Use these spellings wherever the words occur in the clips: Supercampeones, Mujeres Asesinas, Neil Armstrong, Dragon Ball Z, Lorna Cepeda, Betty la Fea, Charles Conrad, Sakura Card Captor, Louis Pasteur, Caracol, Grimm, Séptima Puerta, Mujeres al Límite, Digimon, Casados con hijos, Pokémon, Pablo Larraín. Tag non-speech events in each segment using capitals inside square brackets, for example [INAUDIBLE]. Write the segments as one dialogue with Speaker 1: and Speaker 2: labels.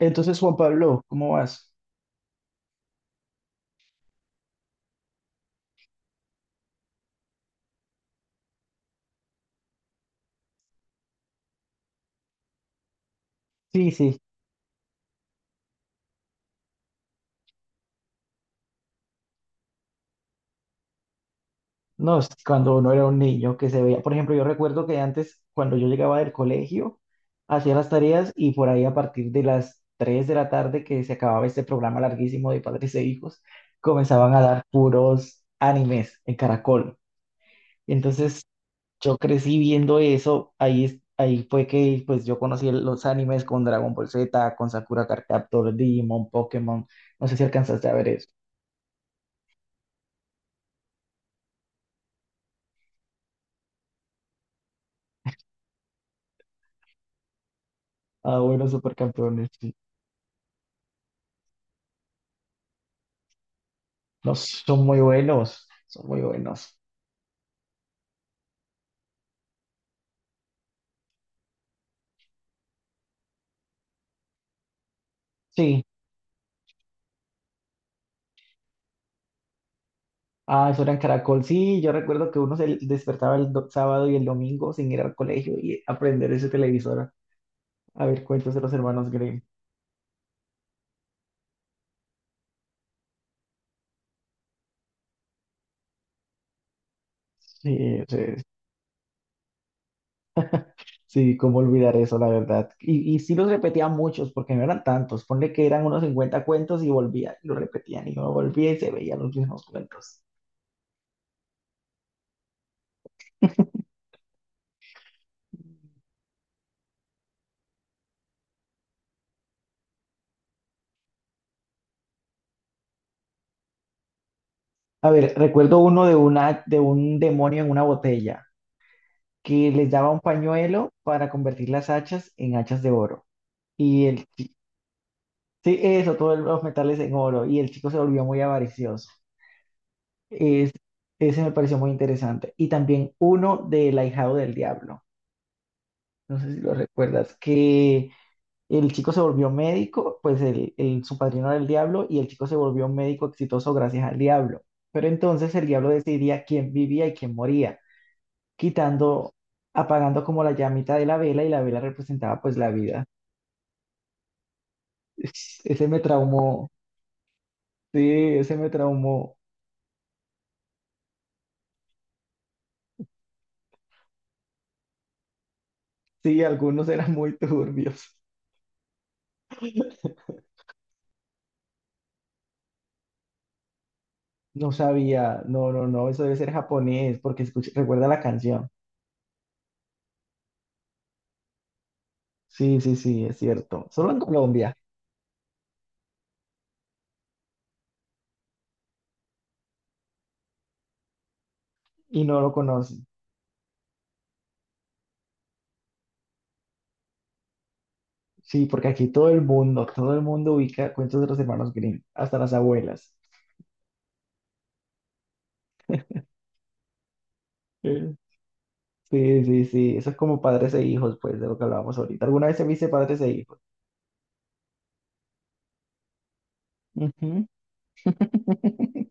Speaker 1: Entonces, Juan Pablo, ¿cómo vas? Sí, sí. No, es cuando uno era un niño que se veía. Por ejemplo, yo recuerdo que antes, cuando yo llegaba del colegio, hacía las tareas y por ahí a partir de las 3 de la tarde que se acababa este programa larguísimo de padres e hijos, comenzaban a dar puros animes en Caracol. Entonces yo crecí viendo eso. Ahí, ahí fue que pues yo conocí los animes con Dragon Ball Z, con Sakura Card Captor, Digimon, Pokémon. No sé si alcanzaste a ver eso. Ah, bueno, Supercampeones. No, son muy buenos, son muy buenos. Sí, ah, eso era en Caracol. Sí, yo recuerdo que uno se despertaba el sábado y el domingo sin ir al colegio y aprender ese televisor a ver cuentos de los hermanos Grimm. Sí, sí, sí, cómo olvidar eso, la verdad. Y sí los repetía muchos, porque no eran tantos. Ponle que eran unos 50 cuentos y volvía, y lo repetían, y uno volvía y se veían los mismos cuentos. A ver, recuerdo uno de un demonio en una botella, que les daba un pañuelo para convertir las hachas en hachas de oro. Y el, chi- sí, eso, todos los metales en oro. Y el chico se volvió muy avaricioso. Es, Ese me pareció muy interesante. Y también uno del ahijado del diablo. No sé si lo recuerdas, que el chico se volvió médico, pues su padrino era el diablo y el chico se volvió un médico exitoso gracias al diablo. Pero entonces el diablo decidía quién vivía y quién moría, quitando, apagando como la llamita de la vela y la vela representaba pues la vida. [LAUGHS] Ese me traumó, sí, ese me traumó. Sí, algunos eran muy turbios. No sabía, no, no, no, eso debe ser japonés, porque recuerda la canción. Sí, sí, sí, es cierto. Solo en Colombia y no lo conocen. Sí, porque aquí todo el mundo ubica cuentos de los hermanos Grimm, hasta las abuelas. Eh, Sí, sí, sí, eso es como padres e hijos, pues, de lo que hablábamos ahorita. ¿Alguna vez se viste padres e hijos? Ujú. [LAUGHS]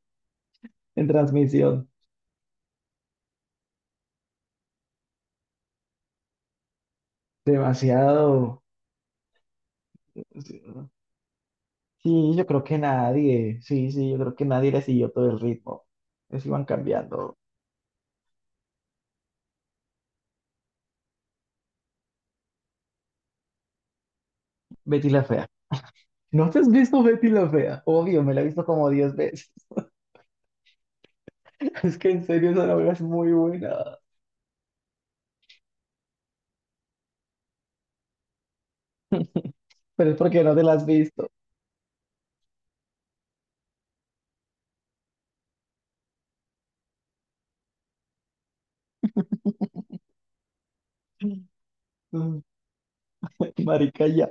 Speaker 1: En transmisión, demasiado. Sí, yo creo que nadie, sí, sí, yo creo que nadie le siguió todo el ritmo. Les iban cambiando. Betty la Fea. ¿No te has visto Betty la Fea? Obvio, me la he visto como 10 veces. [LAUGHS] Es que en serio esa novela es muy buena, pero es porque no te la has visto. Mm. Marica, ya.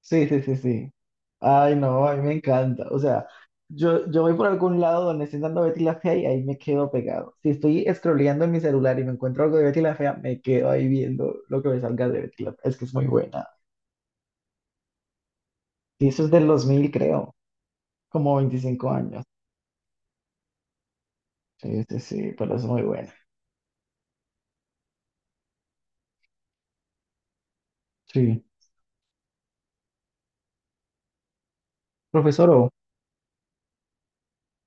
Speaker 1: Sí, sí, sí, sí. Ay, no, a mí me encanta. O sea, yo voy por algún lado donde estén dando Betty la Fea y ahí me quedo pegado. Si estoy scrolleando en mi celular y me encuentro algo de Betty la Fea, me quedo ahí viendo lo que me salga de Betty la Fea. Es que es muy buena. Sí, eso es del 2000 creo, como 25 años. Sí, sí, sí, pero es muy buena. Sí, profesor O,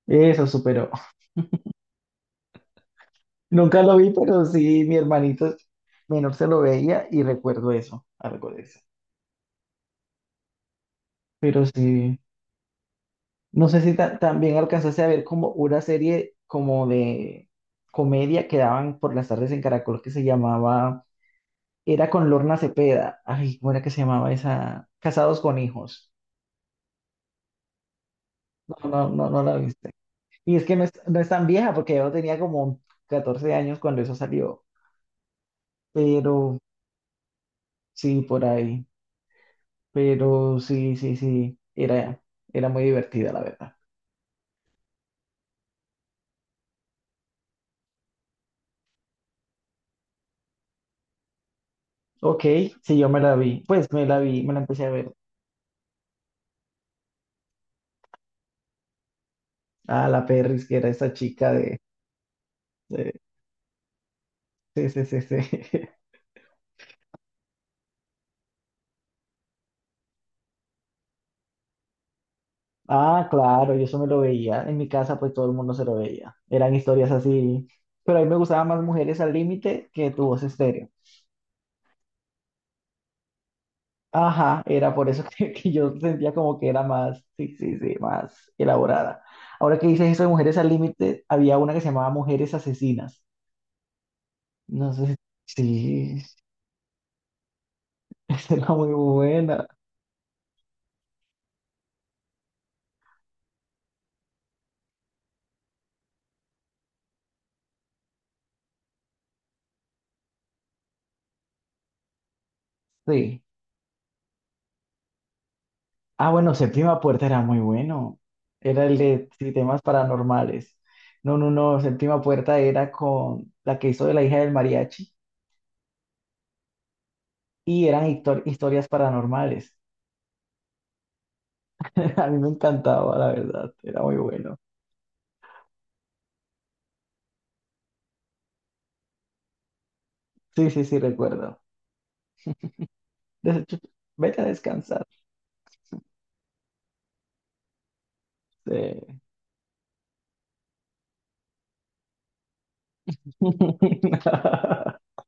Speaker 1: eso superó. [LAUGHS] Nunca lo vi, pero sí, mi hermanito menor se lo veía y recuerdo eso, algo de eso. Pero sí, no sé si también alcanzaste a ver como una serie como de comedia que daban por las tardes en Caracol que se llamaba, era con Lorna Cepeda. Ay, ¿cómo era que se llamaba esa? Casados con hijos. No, no, no, no la viste. Y es que no es, no es tan vieja, porque yo tenía como 14 años cuando eso salió. Pero sí, por ahí. Pero sí, sí, sí. Era, era muy divertida, la verdad. Ok, sí, yo me la vi. Pues me la vi, me la empecé a ver. Ah, la Perris, que era esa chica de- sí, sí, sí, sí. [LAUGHS] Ah, claro, yo eso me lo veía. En mi casa, pues todo el mundo se lo veía. Eran historias así. Pero a mí me gustaban más mujeres al límite que tu voz estéreo. Ajá, era por eso [LAUGHS] que yo sentía como que era más, sí, sí, sí, más elaborada. Ahora que dices eso de Mujeres al Límite, había una que se llamaba Mujeres Asesinas. No sé si, sí, [LAUGHS] esa era muy buena. Sí. Ah, bueno, Séptima Puerta era muy bueno. Era el de sí, temas paranormales. No, no, no, Séptima Puerta era con la que hizo de la hija del mariachi y eran historias paranormales. [LAUGHS] A mí me encantaba, la verdad, era muy bueno. Sí, sí, sí, recuerdo. des- Vete a descansar. Eh, [LAUGHS]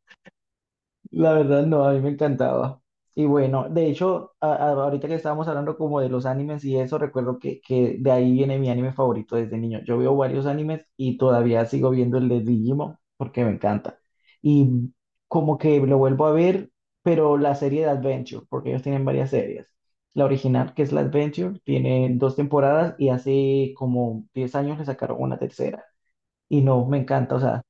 Speaker 1: La verdad, no, a mí me encantaba. Y bueno, de hecho, ahorita que estábamos hablando como de los animes y eso, recuerdo que de ahí viene mi anime favorito desde niño. Yo veo varios animes y todavía sigo viendo el de Digimon porque me encanta. Y como que lo vuelvo a ver, pero la serie de Adventure, porque ellos tienen varias series. La original, que es la Adventure, tiene dos temporadas y hace como 10 años le sacaron una tercera. Y no, me encanta, o sea,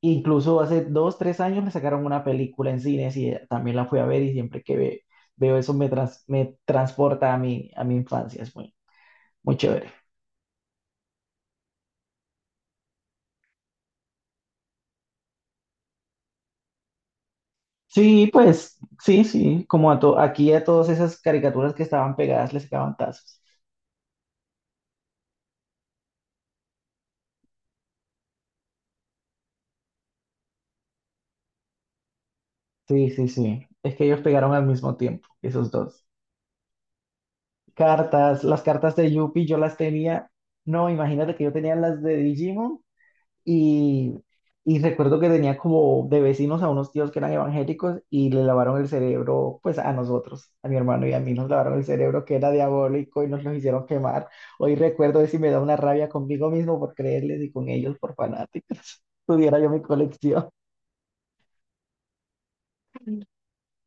Speaker 1: incluso hace dos, tres años le sacaron una película en cines y también la fui a ver y siempre que veo eso me transporta a mi infancia, es muy, muy chévere. Sí, pues, sí, sí, como a aquí a todas esas caricaturas que estaban pegadas les sacaban tazos. Sí, sí, sí, es que ellos pegaron al mismo tiempo, esos dos. Cartas, las cartas de Yuppie yo las tenía, no, imagínate que yo tenía las de Digimon. Y, y recuerdo que tenía como de vecinos a unos tíos que eran evangélicos y le lavaron el cerebro, pues a nosotros, a mi hermano y a mí nos lavaron el cerebro que era diabólico y nos lo hicieron quemar. Hoy recuerdo eso y me da una rabia conmigo mismo por creerles y con ellos por fanáticos. [LAUGHS] Tuviera yo mi colección.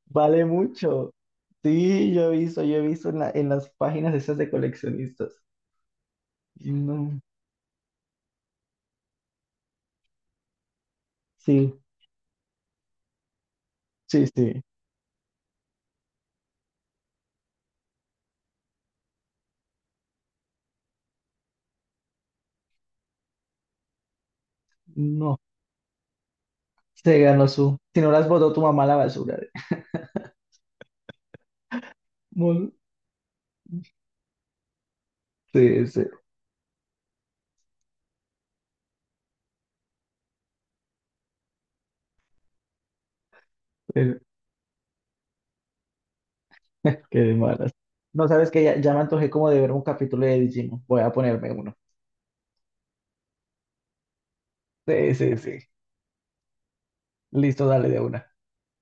Speaker 1: Vale mucho. Sí, yo he visto en las páginas esas de coleccionistas. No, sí, sí, sí. No, se ganó su. Si no las botó tu mamá a la basura. Sí, sí. Eh, Qué malas. No sabes que ya, ya me antojé como de ver un capítulo de Digimon. Voy a ponerme uno. Sí, sí, sí. Listo, dale de una.